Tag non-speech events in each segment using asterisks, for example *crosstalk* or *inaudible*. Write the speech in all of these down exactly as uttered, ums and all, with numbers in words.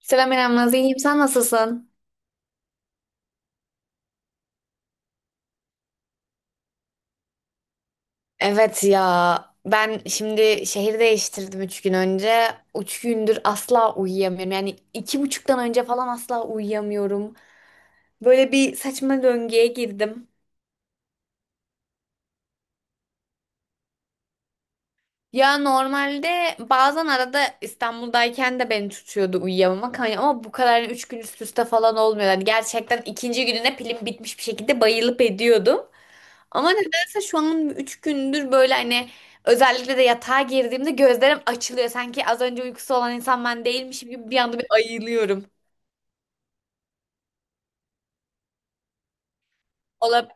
Selam İrem, Naz, iyiyim. Sen nasılsın? Evet ya, ben şimdi şehir değiştirdim üç gün önce. Üç gündür asla uyuyamıyorum. Yani iki buçuktan önce falan asla uyuyamıyorum. Böyle bir saçma döngüye girdim. Ya normalde bazen arada İstanbul'dayken de beni tutuyordu uyuyamamak. Hani ama bu kadar yani üç gün üst üste falan olmuyor. Yani gerçekten ikinci gününe pilim bitmiş bir şekilde bayılıp ediyordum. Ama nedense şu an üç gündür böyle hani özellikle de yatağa girdiğimde gözlerim açılıyor. Sanki az önce uykusu olan insan ben değilmişim gibi bir anda bir ayılıyorum. Ola-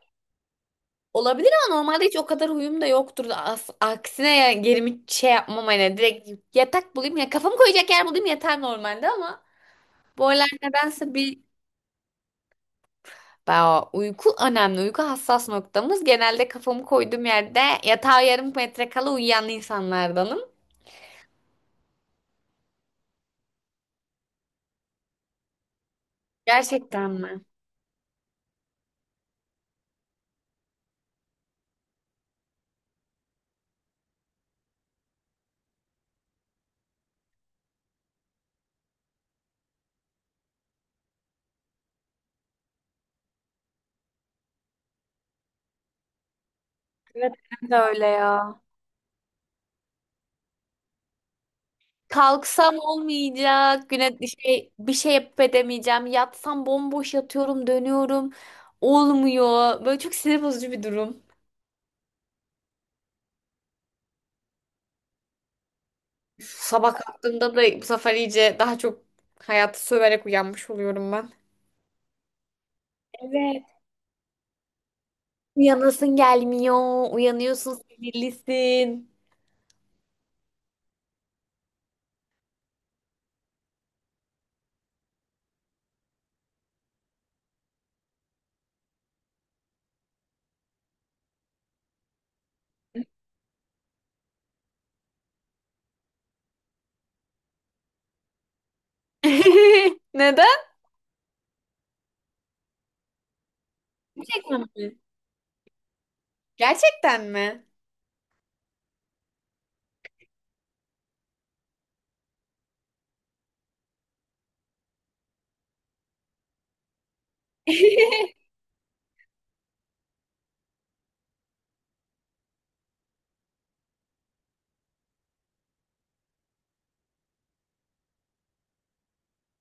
olabilir ama normalde hiç o kadar huyum da yoktur. As- aksine ya gerimi şey yapmam hani direkt yatak bulayım ya kafamı koyacak yer bulayım yeter normalde ama bu aralar nedense bir. Ba- uyku önemli. Uyku hassas noktamız. Genelde kafamı koyduğum yerde yatağa yarım metre kala uyuyan insanlardanım. Gerçekten mi? Evet, ben de öyle ya. Kalksam olmayacak. Güne şey, bir şey yapıp edemeyeceğim. Yatsam bomboş yatıyorum, dönüyorum. Olmuyor. Böyle çok sinir bozucu bir durum. Sabah kalktığımda da bu sefer iyice daha çok hayatı söverek uyanmış oluyorum ben. Evet. Uyanasın gelmiyor. Uyanıyorsun, sinirlisin. *laughs* Neden? Gerçekten mi? *laughs*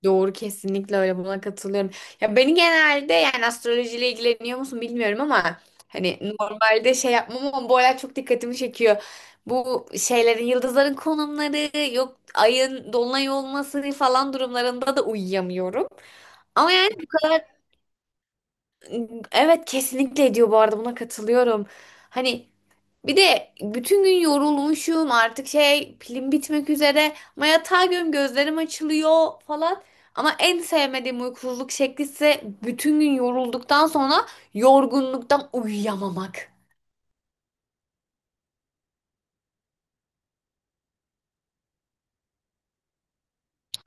Doğru, kesinlikle öyle, buna katılıyorum. Ya beni genelde, yani astrolojiyle ilgileniyor musun bilmiyorum ama hani normalde şey yapmam ama bu olay çok dikkatimi çekiyor. Bu şeylerin, yıldızların konumları, yok ayın dolunay olması falan durumlarında da uyuyamıyorum. Ama yani bu kadar, evet kesinlikle diyor, bu arada buna katılıyorum. Hani bir de bütün gün yorulmuşum, artık şey, pilim bitmek üzere ama yatağa göm, gözlerim açılıyor falan. Ama en sevmediğim uykusuzluk şekli ise bütün gün yorulduktan sonra yorgunluktan uyuyamamak.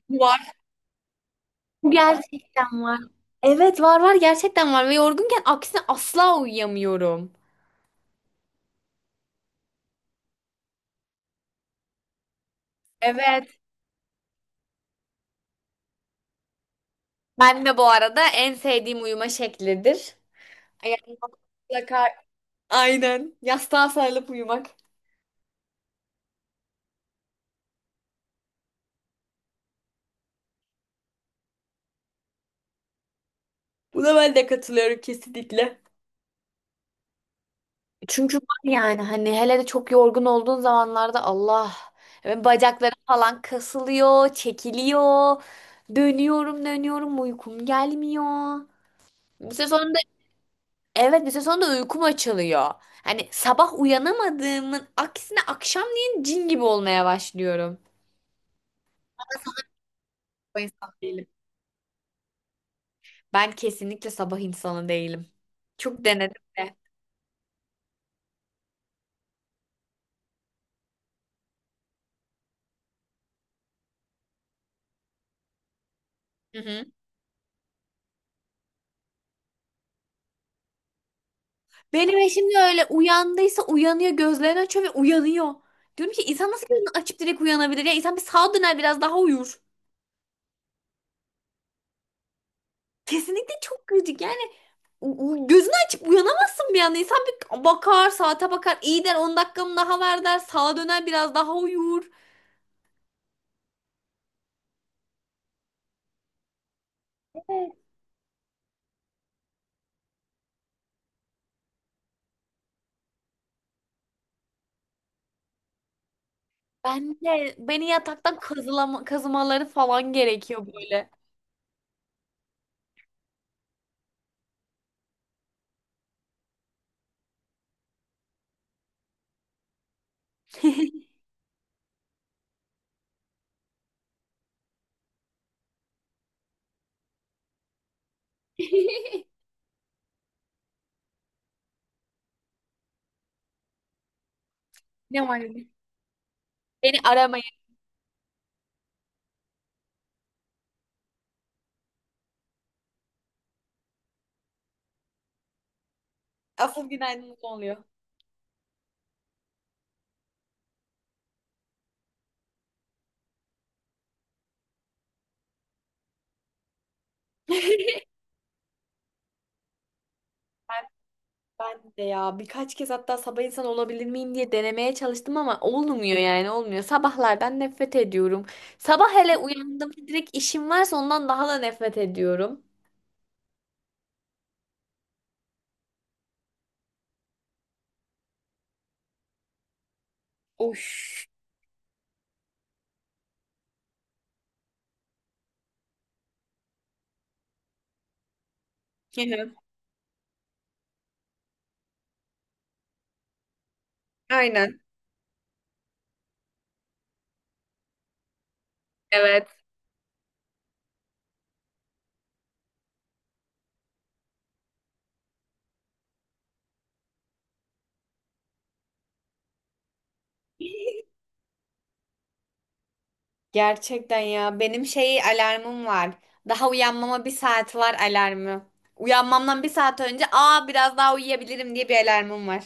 Var. Bu gerçekten var. Evet, var var gerçekten var ve yorgunken aksine asla uyuyamıyorum. Evet. Ben de bu arada en sevdiğim uyuma şeklidir. Yani mutlaka aynen yastığa sarılıp uyumak. Buna ben de katılıyorum kesinlikle. Çünkü var yani, hani hele de çok yorgun olduğun zamanlarda Allah, ve bacaklarım falan kasılıyor, çekiliyor. Dönüyorum, dönüyorum, uykum gelmiyor. Bir süre sonra da, evet bir süre sonra da uykum açılıyor. Hani sabah uyanamadığımın aksine akşamleyin cin gibi olmaya başlıyorum. O insan değilim. Ben kesinlikle sabah insanı değilim. Çok denedim de. Hı hı. Benim eşim de öyle, uyandıysa uyanıyor, gözlerini açıyor ve uyanıyor. Diyorum ki, insan nasıl gözünü açıp direkt uyanabilir? Ya insan bir sağa döner, biraz daha uyur. Kesinlikle çok gıcık yani, u- u- gözünü açıp uyanamazsın bir anda. İnsan bir bakar, saate bakar, iyi der, on dakikamı daha ver der, sağa döner, biraz daha uyur. Ben de, beni yataktan kazılama, kazımaları falan gerekiyor böyle. *laughs* Ne var? Beni aramayın. Asıl günaydınız oluyor. *laughs* Ben de ya, birkaç kez hatta sabah insan olabilir miyim diye denemeye çalıştım ama olmuyor, yani olmuyor. Sabahlardan nefret ediyorum. Sabah hele uyandığımda direkt işim varsa ondan daha da nefret ediyorum. Hı hı. Aynen. Evet. Gerçekten ya, benim şey alarmım var. Daha uyanmama bir saat var alarmı. Uyanmamdan bir saat önce, aa biraz daha uyuyabilirim diye bir alarmım var.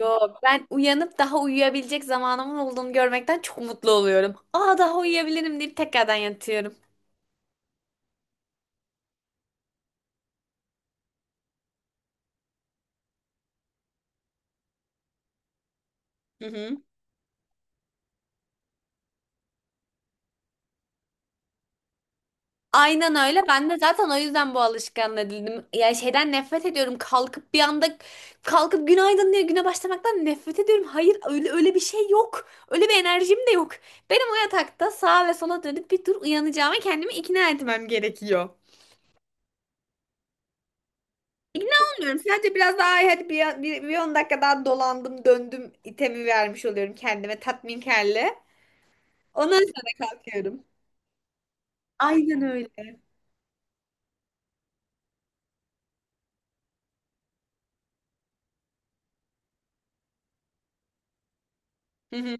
Yok, ben uyanıp daha uyuyabilecek zamanımın olduğunu görmekten çok mutlu oluyorum. Aa daha uyuyabilirim deyip tekrardan yatıyorum. Hı hı. Aynen öyle. Ben de zaten o yüzden bu alışkanlığa edindim. Ya şeyden nefret ediyorum. Kalkıp bir anda kalkıp günaydın diye güne başlamaktan nefret ediyorum. Hayır, öyle öyle bir şey yok. Öyle bir enerjim de yok. Benim o yatakta sağa ve sola dönüp bir tur uyanacağıma kendimi ikna etmem gerekiyor. İkna olmuyorum. Sadece biraz daha, "Ay, hadi bir, bir, bir on dakika daha," dolandım döndüm itemi vermiş oluyorum kendime tatminkarlı. Ondan sonra kalkıyorum. Aynen öyle. Hı hı.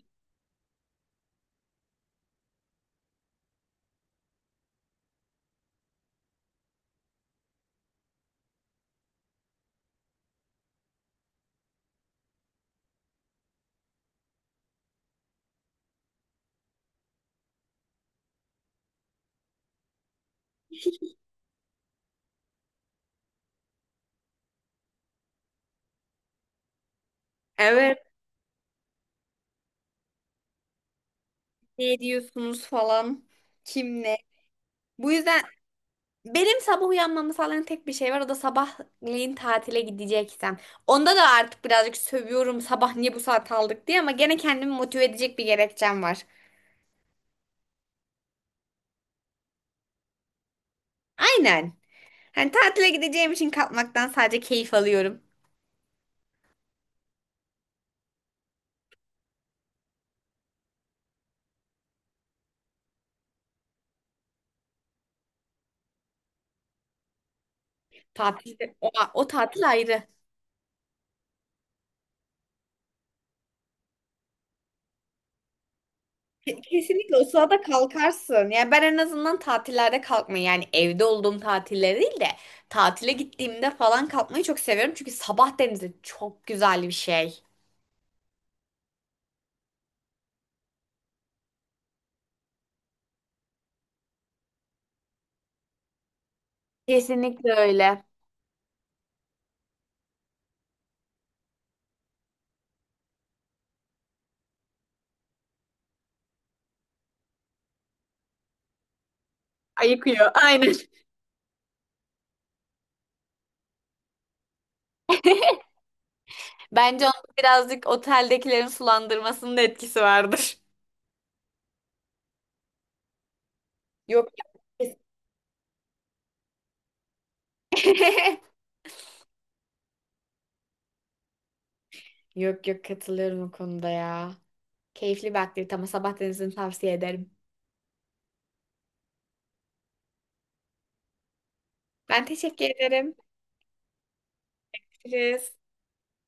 Evet. Ne diyorsunuz falan. Kim ne? Bu yüzden benim sabah uyanmamı sağlayan tek bir şey var. O da sabahleyin tatile gideceksem. Onda da artık birazcık sövüyorum, sabah niye bu saat aldık diye, ama gene kendimi motive edecek bir gerekçem var. Aynen. Hani tatile gideceğim için kalkmaktan sadece keyif alıyorum. Tatilde o, o tatil ayrı. Ke- Kesinlikle o sırada kalkarsın. Yani ben en azından tatillerde kalkmayı, yani evde olduğum tatiller değil de tatile gittiğimde falan kalkmayı çok seviyorum. Çünkü sabah denizi çok güzel bir şey. Kesinlikle öyle. Ayıkıyor. Aynen. *laughs* Bence onun birazcık oteldekilerin sulandırmasının da etkisi vardır. Yok. Kesin- *laughs* Yok yok, katılıyorum o konuda ya. Keyifli bir aktivite ama sabah denizini tavsiye ederim. Ben teşekkür ederim. Görüşürüz.